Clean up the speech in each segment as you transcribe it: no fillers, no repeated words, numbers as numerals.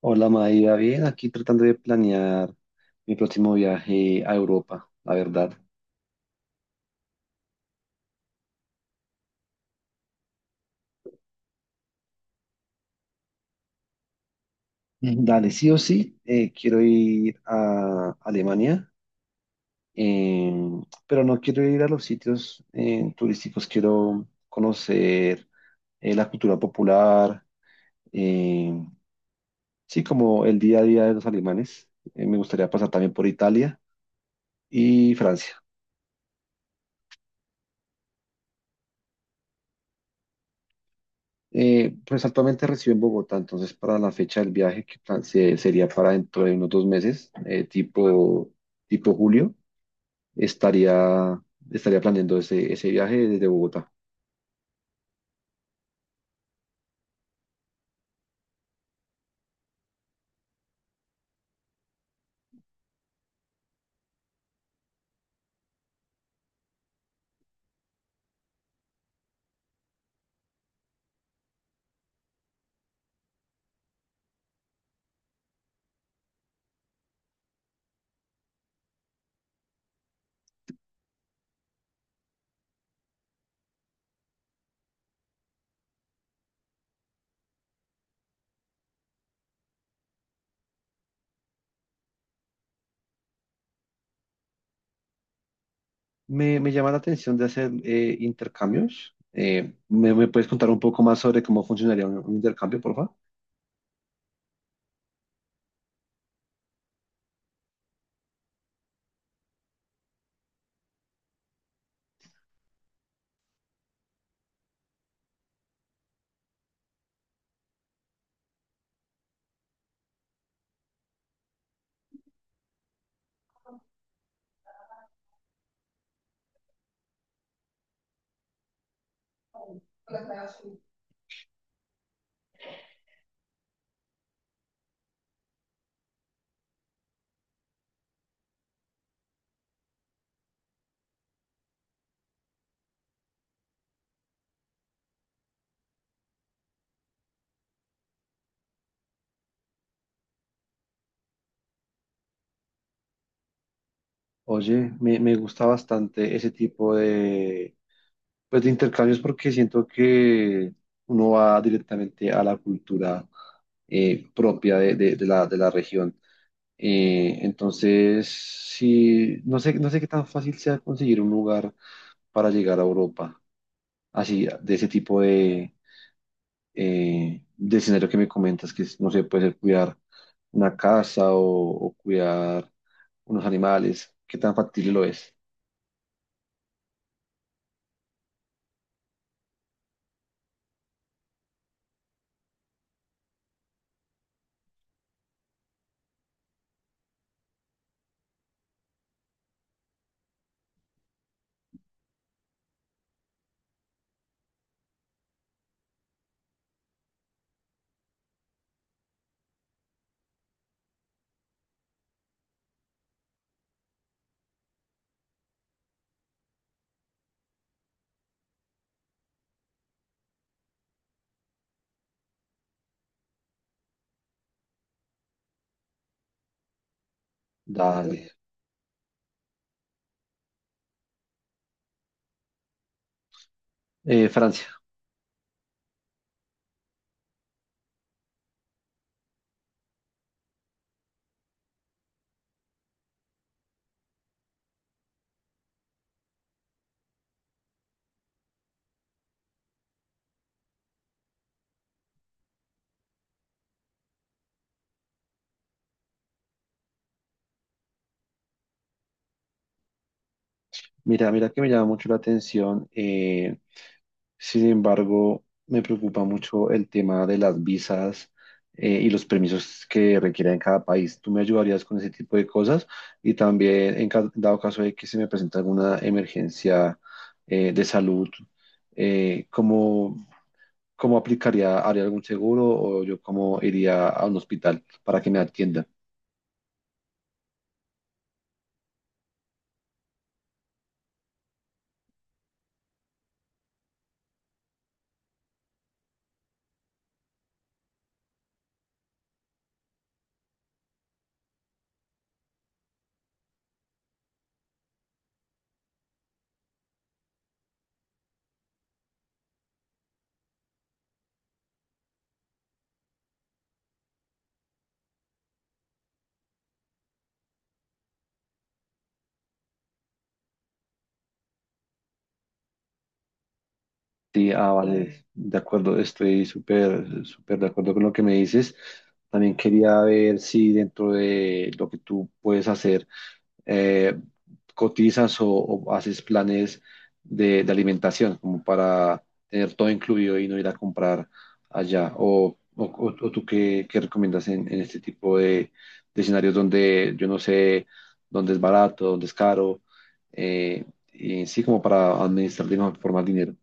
Hola Maida, bien, aquí tratando de planear mi próximo viaje a Europa, la verdad. Dale, sí o sí, quiero ir a Alemania, eh, pero no quiero ir a los sitios turísticos. Quiero conocer la cultura popular, eh, sí, como el día a día de los alemanes. Me gustaría pasar también por Italia y Francia. Pues actualmente recibo en Bogotá, entonces para la fecha del viaje, sería para dentro de unos 2 meses, tipo julio, estaría, estaría planeando ese viaje desde Bogotá. Me llama la atención de hacer intercambios. ¿ Me puedes contar un poco más sobre cómo funcionaría un intercambio, por favor? Oye, me gusta bastante ese tipo de, pues, de intercambios, porque siento que uno va directamente a la cultura propia de de la región. Entonces, sí, no sé qué tan fácil sea conseguir un lugar para llegar a Europa, así, de ese tipo de escenario que me comentas, que es, no sé, puede ser cuidar una casa o cuidar unos animales, qué tan factible lo es. Dale. Francia. Mira que me llama mucho la atención. Eh, sin embargo, me preocupa mucho el tema de las visas, y los permisos que requieren cada país. ¿Tú me ayudarías con ese tipo de cosas? Y también, dado caso de que se me presente alguna emergencia de salud, eh, ¿cómo, cómo aplicaría? ¿Haría algún seguro o yo cómo iría a un hospital para que me atiendan? Sí, ah, sí. Vale, de acuerdo, estoy súper, súper de acuerdo con lo que me dices. También quería ver si dentro de lo que tú puedes hacer, eh, cotizas o haces planes de alimentación, como para tener todo incluido y no ir a comprar allá. O tú qué recomiendas en este tipo de escenarios donde yo no sé dónde es barato, dónde es caro, eh, y sí, como para administrar de mejor forma el dinero.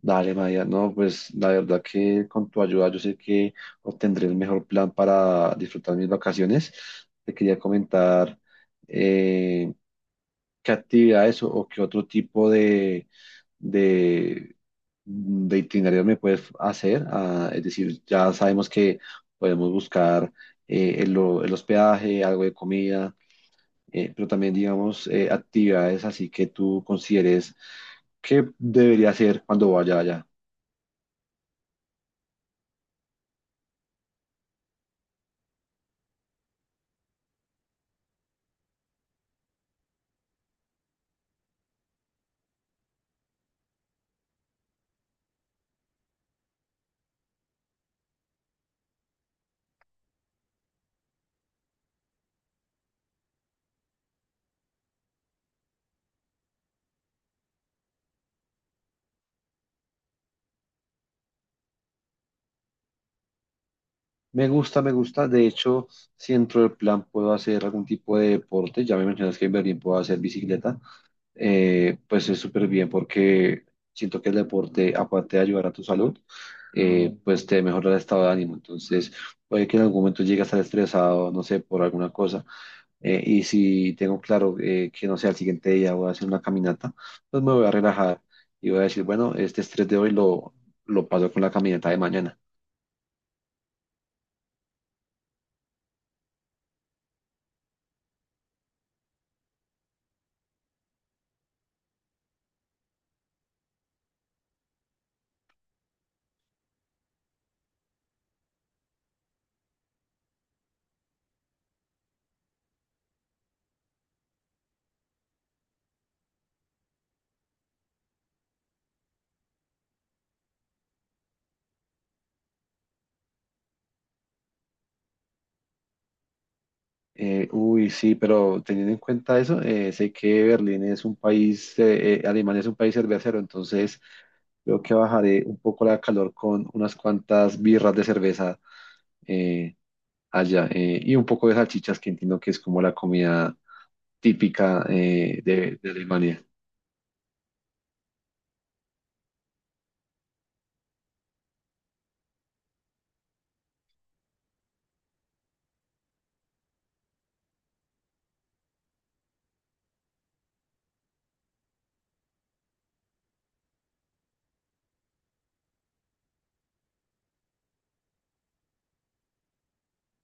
Dale, Maya, no, pues la verdad que con tu ayuda yo sé que obtendré el mejor plan para disfrutar mis vacaciones. Te quería comentar eh, qué actividades o qué otro tipo de, de itinerario me puedes hacer. Ah, es decir, ya sabemos que podemos buscar el hospedaje, algo de comida, pero también, digamos, actividades así que tú consideres que debería hacer cuando vaya allá. Me gusta, me gusta. De hecho, si dentro del plan puedo hacer algún tipo de deporte, ya me mencionas que en Berlín puedo hacer bicicleta, pues es súper bien porque siento que el deporte, aparte de ayudar a tu salud, pues te mejora el estado de ánimo. Entonces, puede que en algún momento llegue a estar estresado, no sé, por alguna cosa. Y si tengo claro que, no sé, al siguiente día voy a hacer una caminata, pues me voy a relajar y voy a decir, bueno, este estrés de hoy lo paso con la caminata de mañana. Uy, sí, pero teniendo en cuenta eso, sé que Berlín es un país, Alemania es un país cervecero. Entonces creo que bajaré un poco la calor con unas cuantas birras de cerveza, eh, allá, y un poco de salchichas, que entiendo que es como la comida típica, de Alemania.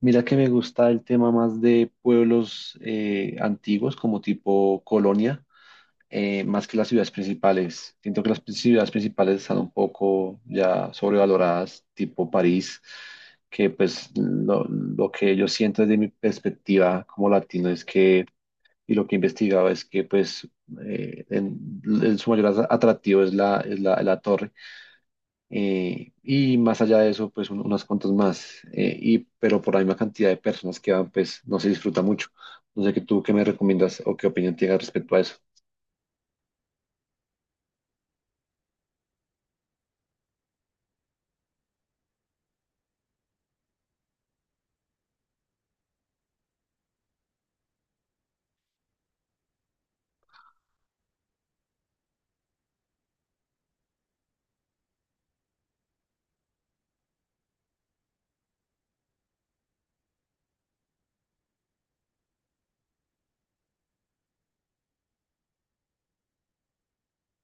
Mira que me gusta el tema más de pueblos antiguos, como tipo Colonia. Eh, más que las ciudades principales. Siento que ciudades principales están un poco ya sobrevaloradas, tipo París, que pues lo que yo siento desde mi perspectiva como latino es que, y lo que he investigado es que pues en su atractivo es es la torre. Y más allá de eso, pues unas cuantas más. Eh, y pero por la misma cantidad de personas que van, pues no se disfruta mucho. No sé qué tú qué me recomiendas o qué opinión tienes respecto a eso.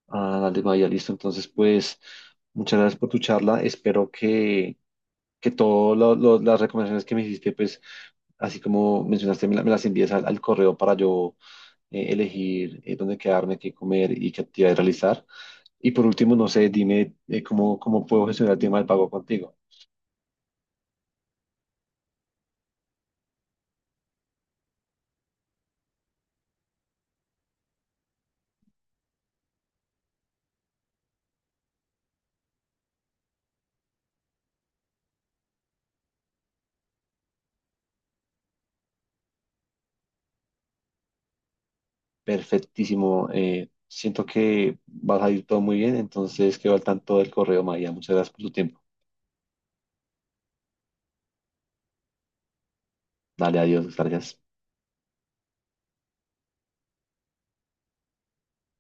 Ah, dale, Maya, listo. Entonces, pues, muchas gracias por tu charla. Espero que todas las recomendaciones que me hiciste, pues, así como mencionaste, me las envíes al correo para yo elegir dónde quedarme, qué comer y qué actividades realizar. Y por último, no sé, dime cómo puedo gestionar el tema del pago contigo. Perfectísimo. Eh, siento que vas a ir todo muy bien. Entonces, quedo al tanto del correo, Maya. Muchas gracias por tu tiempo. Dale, adiós. Gracias.